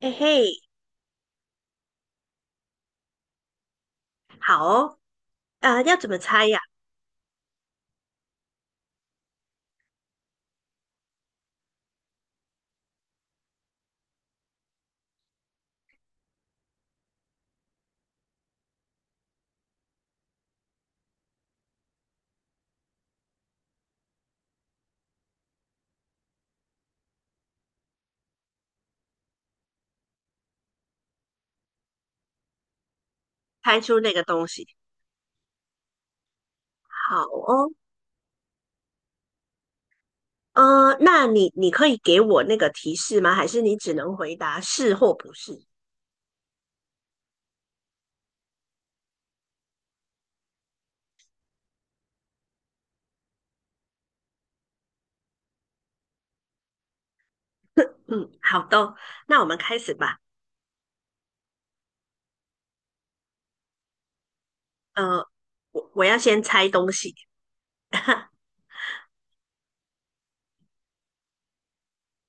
嘿嘿，好哦，要怎么猜呀？猜出那个东西，好哦，那你可以给我那个提示吗？还是你只能回答是或不是？嗯，好的哦，那我们开始吧。呃，我要先猜东西。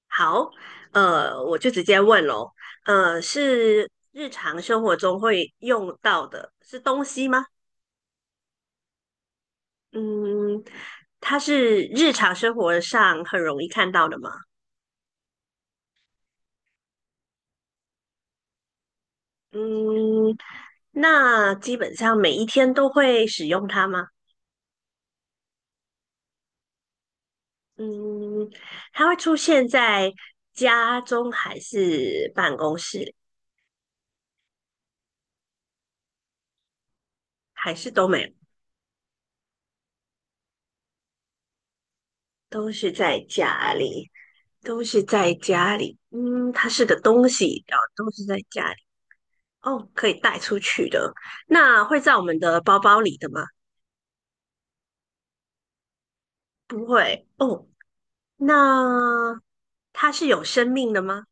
好，我就直接问喽，是日常生活中会用到的，是东西吗？嗯，它是日常生活上很容易看到的吗？嗯，那基本上每一天都会使用它吗？嗯，它会出现在家中还是办公室，还是都没有？都是在家里，都是在家里。嗯，它是个东西，然后都是在家里。哦，可以带出去的。那会在我们的包包里的吗？不会。哦，那它是有生命的吗？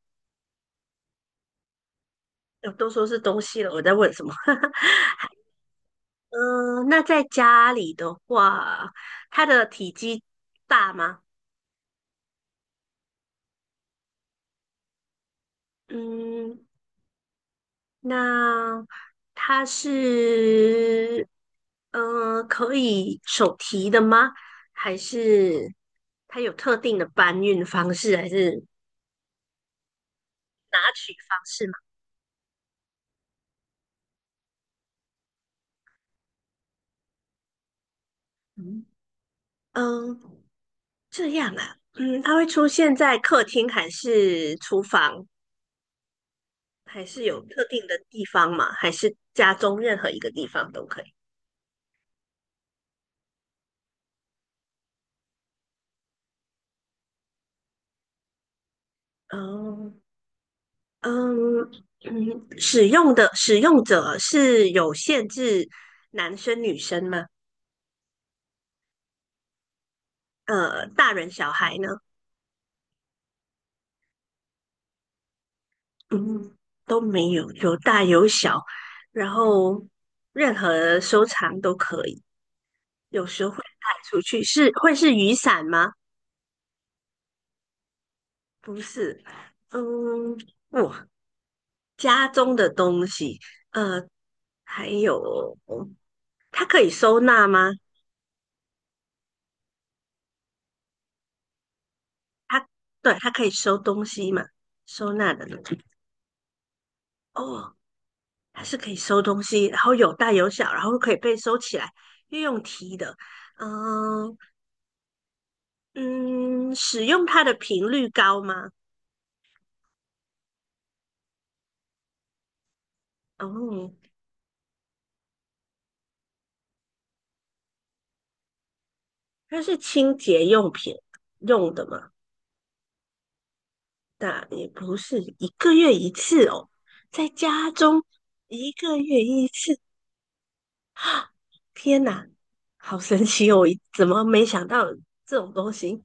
都说是东西了，我在问什么？嗯，那在家里的话，它的体积大吗？嗯，那它是，可以手提的吗？还是它有特定的搬运方式，还是拿取方式吗？嗯嗯，这样啊。嗯，它会出现在客厅还是厨房，还是有特定的地方吗？还是家中任何一个地方都可以？哦，嗯嗯，使用者是有限制男生女生吗？大人小孩呢？嗯，都没有，有大有小，然后任何收藏都可以带出去。是会是雨伞吗？不是。嗯，哇，家中的东西，呃，还有它可以收纳吗？它对，它可以收东西嘛？收纳的东西。哦，它是可以收东西，然后有大有小，然后可以被收起来，又用提的。嗯嗯，使用它的频率高吗？哦，它是清洁用品用的嘛？那也不是一个月一次哦，在家中一个月一次，天哪，好神奇哦！怎么没想到这种东西？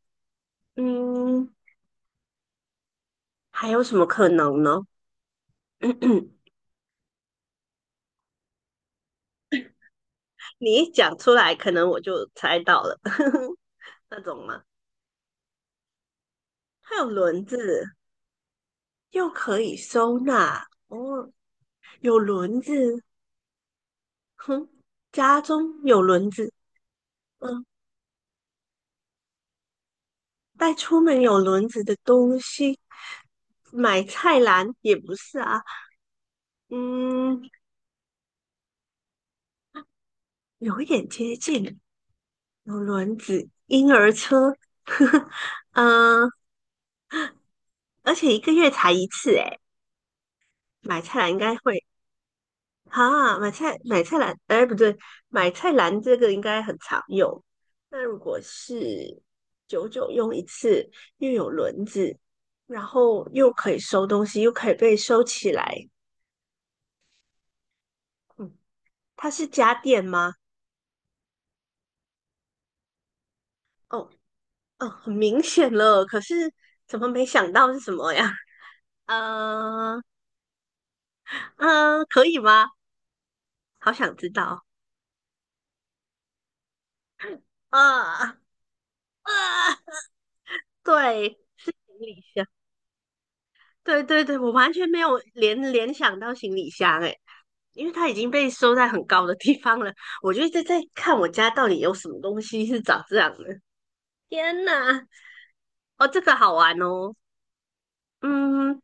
嗯，还有什么可能呢？你一讲出来，可能我就猜到了。那种吗？它有轮子，又可以收纳，哦，有轮子，哼，家中有轮子。嗯，带出门有轮子的东西，买菜篮也不是啊。嗯，有一点接近，有轮子，婴儿车。呵呵，嗯，而且一个月才一次，诶，买菜篮应该会哈，买菜篮，哎，不对，买菜篮这个应该很常用。那如果是久久用一次，又有轮子，然后又可以收东西，又可以被收起来。嗯，它是家电吗？哦，哦，很明显了，可是怎么没想到是什么呀？呃，可以吗？好想知道啊啊！对，是行李箱。对对对，我完全没有联想到行李箱诶，因为它已经被收在很高的地方了。我就一直在看我家到底有什么东西是长这样的。天哪！哦，这个好玩哦。嗯，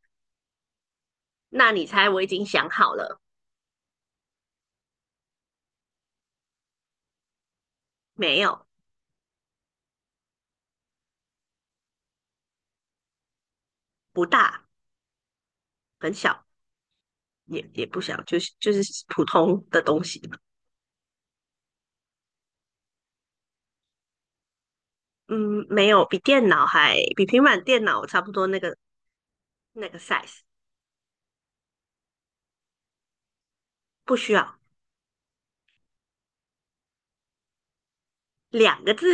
那你猜我已经想好了没有？不大，很小，也不小，就是普通的东西。嗯，没有，比电脑还比平板电脑差不多那个size，不需要。两个字，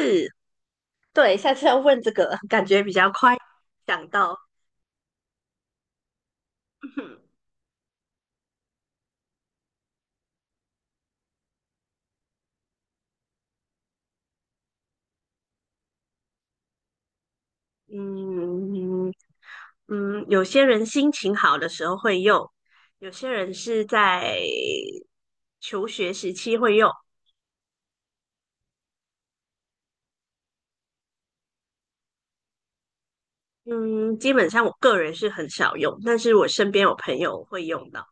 对，下次要问这个，感觉比较快想到。嗯嗯，有些人心情好的时候会用，有些人是在求学时期会用。嗯，基本上我个人是很少用，但是我身边有朋友会用到，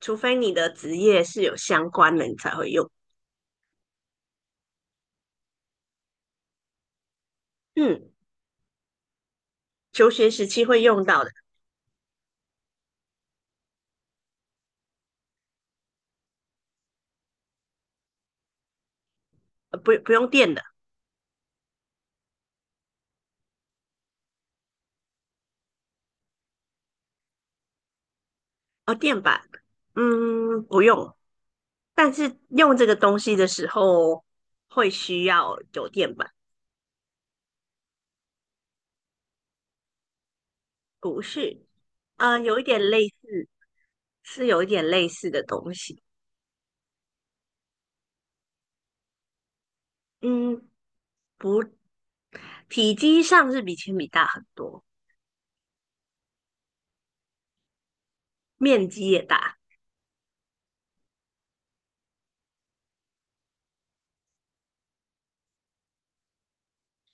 除非你的职业是有相关的，你才会用。嗯，求学时期会用到的，不用电的，哦，电板，嗯，不用。但是用这个东西的时候会需要酒店吧？不是？有一点类似，是有一点类似的东西。嗯，不，体积上是比铅笔大很多，面积也大。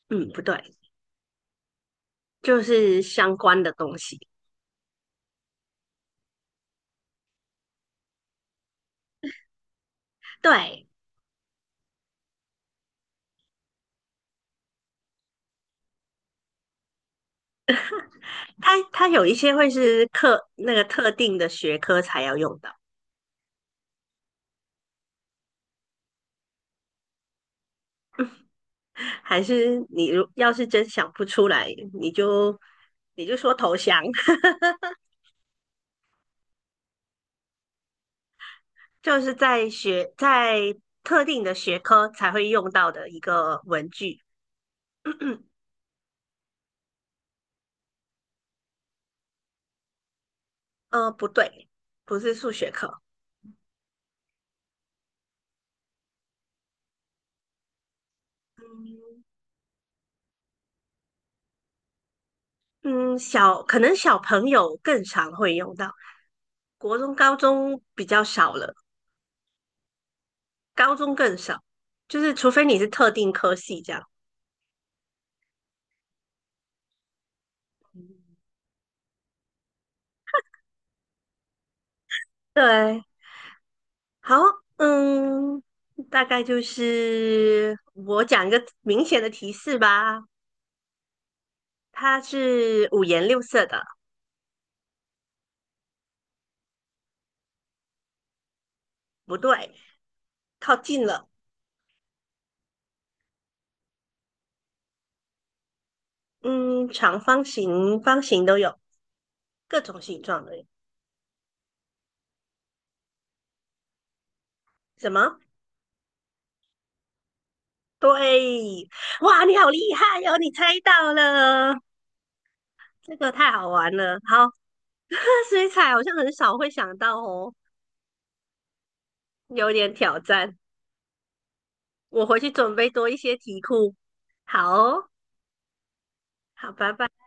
嗯，不对，就是相关的东西。对，它有一些会是课那个特定的学科才要用到，还是你如要是真想不出来，你就说投降。就是在特定的学科才会用到的一个文具。不对，不是数学课。嗯，可能小朋友更常会用到，国中、高中比较少了，高中更少。就是除非你是特定科系这样。对，好。嗯，大概就是我讲一个明显的提示吧，它是五颜六色的，不对，靠近了。嗯，长方形、方形都有，各种形状的。什么？对，哇，你好厉害哟、哦！你猜到了，这个太好玩了。好，这水彩好像很少会想到哦，有点挑战。我回去准备多一些题库。好哦，好，拜拜。